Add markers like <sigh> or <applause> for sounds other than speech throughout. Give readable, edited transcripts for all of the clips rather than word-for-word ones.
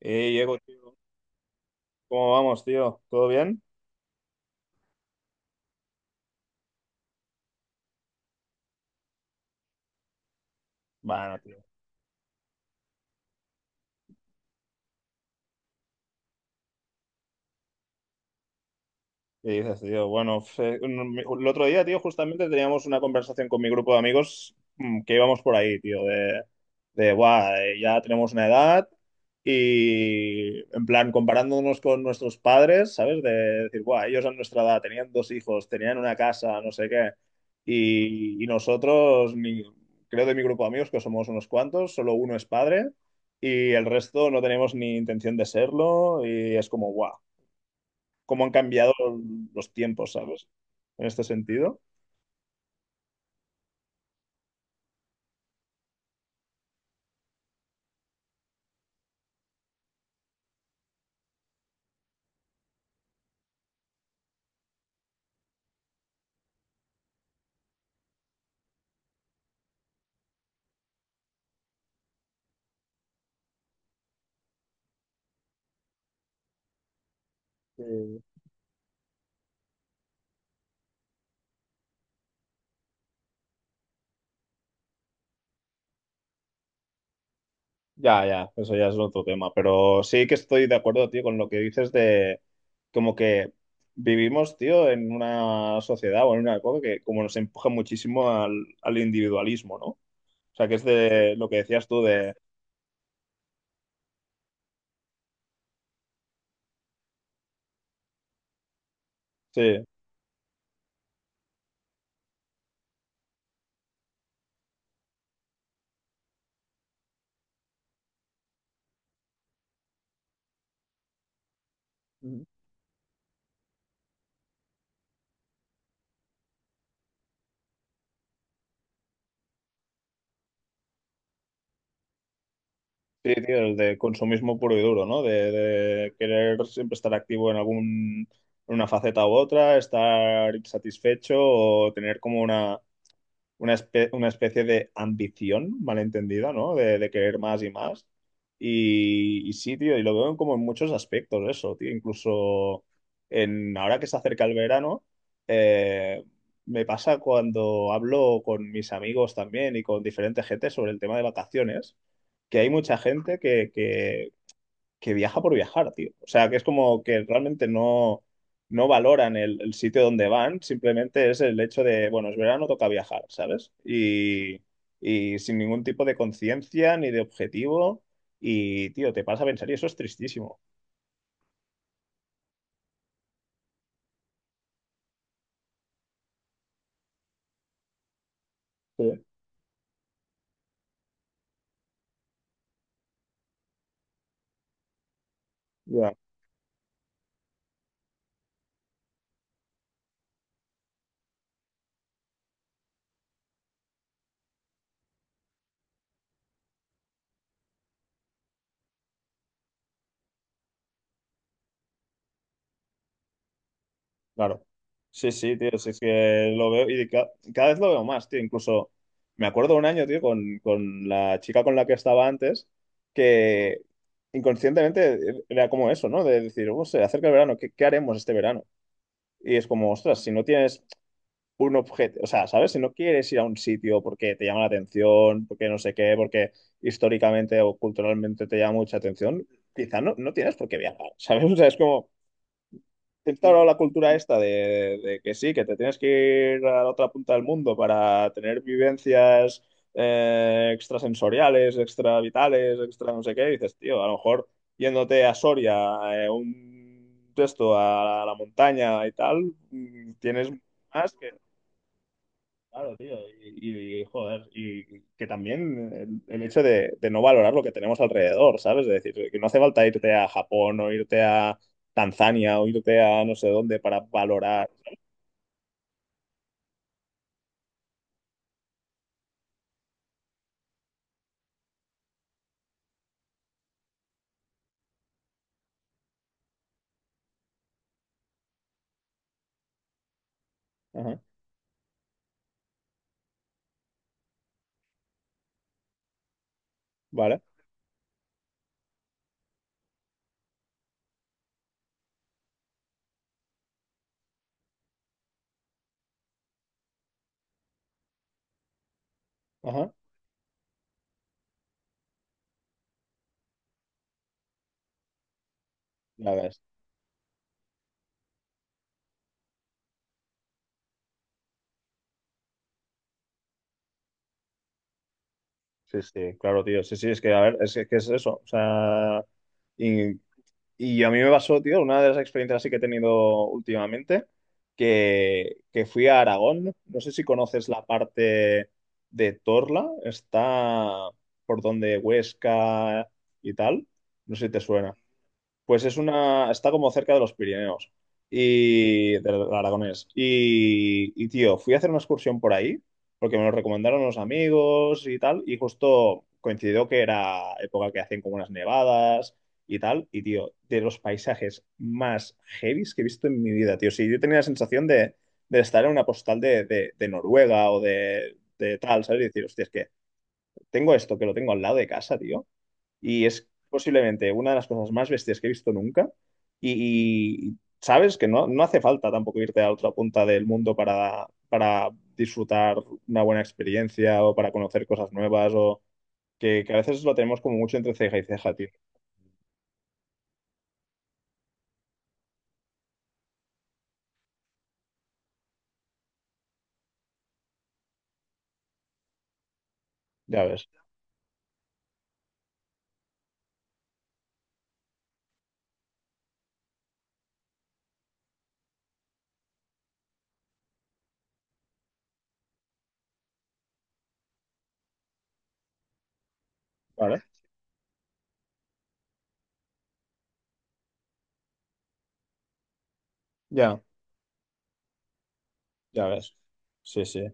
Hey, Diego, tío, ¿cómo vamos, tío? ¿Todo bien? Bueno, ¿y dices, tío? Bueno, el otro día, tío, justamente teníamos una conversación con mi grupo de amigos, que íbamos por ahí, tío, de, "Buah, ya tenemos una edad y, en plan, comparándonos con nuestros padres, ¿sabes? De decir, guau, ellos a nuestra edad tenían dos hijos, tenían una casa, no sé qué, y, nosotros, creo de mi grupo de amigos, que somos unos cuantos, solo uno es padre. Y el resto no tenemos ni intención de serlo y es como, guau, cómo han cambiado los tiempos, ¿sabes? En este sentido. Eh, Ya, ya, eso ya es otro tema, pero sí que estoy de acuerdo, tío, con lo que dices de como que vivimos, tío, en una sociedad o en una época que como nos empuja muchísimo al, al individualismo, ¿no? O sea, que es de lo que decías tú de, sí, ujú. Sí, tío, el de consumismo puro y duro, ¿no? De querer siempre estar activo en algún, en una faceta u otra, estar insatisfecho o tener como una especie de ambición malentendida, ¿no? De querer más y más. Y, sí, tío, y lo veo como en muchos aspectos eso, tío. Incluso en, ahora que se acerca el verano, eh, me pasa cuando hablo con mis amigos también y con diferente gente sobre el tema de vacaciones, que hay mucha gente que, que viaja por viajar, tío. O sea, que es como que realmente no, no valoran el sitio donde van, simplemente es el hecho de, bueno, es verano, toca viajar, ¿sabes? Y sin ningún tipo de conciencia ni de objetivo. Y, tío, te pasa a pensar y eso es tristísimo. Sí, ya. Claro. Sí, sí, tío, sí, es que lo veo y cada vez lo veo más, tío. Incluso me acuerdo un año, tío, con la chica con la que estaba antes, que inconscientemente era como eso, ¿no? De decir, "Oh, se acerca el verano, ¿qué haremos este verano?". Y es como, ostras, si no tienes un objeto, o sea, ¿sabes? Si no quieres ir a un sitio porque te llama la atención, porque no sé qué, porque históricamente o culturalmente te llama mucha atención, quizá no, no tienes por qué viajar, <laughs> ¿sabes? O sea, es como instaurado la cultura esta de que sí, que te tienes que ir a la otra punta del mundo para tener vivencias, extrasensoriales, extravitales, extra no sé qué, y dices, tío, a lo mejor yéndote a Soria, un texto a la montaña y tal, mm, tienes más que... Claro, tío, y, joder, y que también el hecho de no valorar lo que tenemos alrededor, ¿sabes? Es decir, que no hace falta irte a Japón o irte a Tanzania o irte a no sé dónde para valorar. Ajá, vale, ajá, ya ves. Sí, sí, claro, tío, sí, sí, es que, a ver, es que es eso, o sea, y... Y a mí me pasó, tío, una de las experiencias así que he tenido últimamente, que fui a Aragón. No sé si conoces la parte de Torla, está por donde Huesca y tal. No sé si te suena. Pues es una, está como cerca de los Pirineos y del Aragonés. Y, tío, fui a hacer una excursión por ahí porque me lo recomendaron unos amigos y tal. Y justo coincidió que era época que hacían como unas nevadas y tal. Y, tío, de los paisajes más heavies que he visto en mi vida, tío. Sí, yo tenía la sensación de estar en una postal de, de Noruega o de tal, ¿sabes? Y decir, hostia, es que tengo esto que lo tengo al lado de casa, tío, y es posiblemente una de las cosas más bestias que he visto nunca. Y sabes que no, no hace falta tampoco irte a otra punta del mundo para disfrutar una buena experiencia o para conocer cosas nuevas o que a veces lo tenemos como mucho entre ceja y ceja, tío. Ya ves, ¿vale? Ya, ya ves. Sí, sí,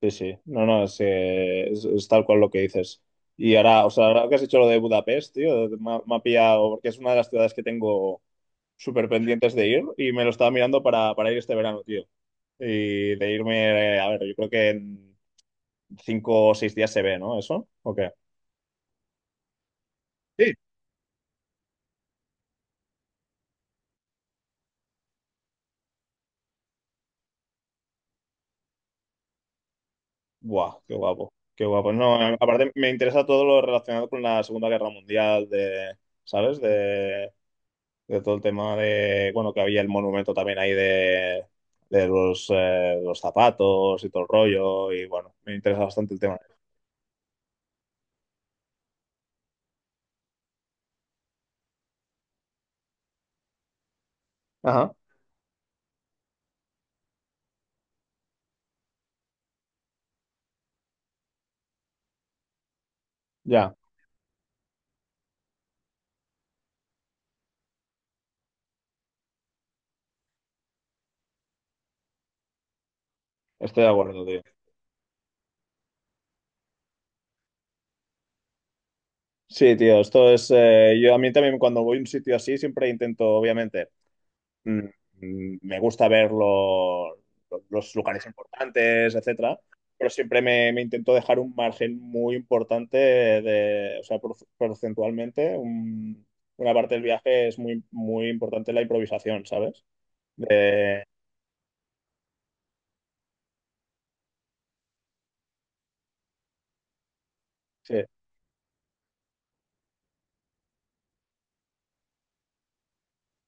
sí, sí. No, no, es, es tal cual lo que dices. Y ahora, o sea, ahora que has dicho lo de Budapest, tío, me ha pillado, porque es una de las ciudades que tengo súper pendientes de ir y me lo estaba mirando para ir este verano, tío. Y de irme, a ver, yo creo que en 5 o 6 días se ve, ¿no? ¿Eso? ¿O qué? Sí. Buah, qué guapo, qué guapo. No, aparte me interesa todo lo relacionado con la Segunda Guerra Mundial, de, ¿sabes? De todo el tema de, bueno, que había el monumento también ahí de los zapatos y todo el rollo, y bueno, me interesa bastante el tema. Ajá, ya, estoy de acuerdo, tío. Sí, tío, esto es, yo a mí también cuando voy a un sitio así siempre intento, obviamente, mm, me gusta ver los lugares importantes, etcétera, pero siempre me, me intento dejar un margen muy importante de, o sea, porcentualmente, una parte del viaje es muy, muy importante la improvisación, ¿sabes? De- sí,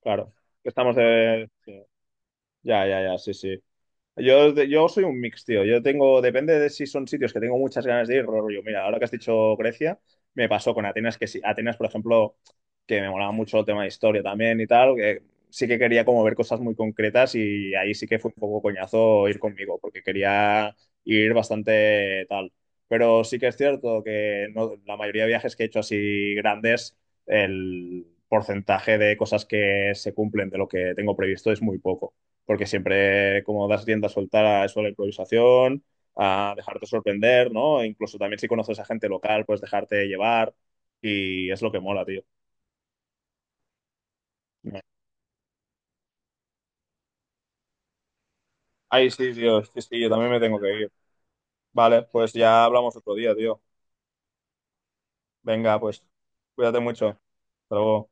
claro. Estamos de, sí. Ya, ya, ya, sí, sí. Yo soy un mix, tío. Yo tengo, depende de si son sitios que tengo muchas ganas de ir, rollo. Mira, ahora que has dicho Grecia, me pasó con Atenas, que sí, Atenas, por ejemplo, que me molaba mucho el tema de historia también y tal, que sí que quería como ver cosas muy concretas y ahí sí que fue un poco coñazo ir conmigo, porque quería ir bastante tal. Pero sí que es cierto que no- la mayoría de viajes que he hecho así grandes, el porcentaje de cosas que se cumplen de lo que tengo previsto es muy poco porque siempre como das tienda a soltar a eso de la improvisación, a dejarte sorprender, ¿no? E incluso también si conoces a gente local, pues dejarte llevar y es lo que mola, tío. Ay, sí, tío, sí, sí, yo también me tengo que ir. Vale, pues ya hablamos otro día, tío. Venga, pues cuídate mucho. Hasta luego.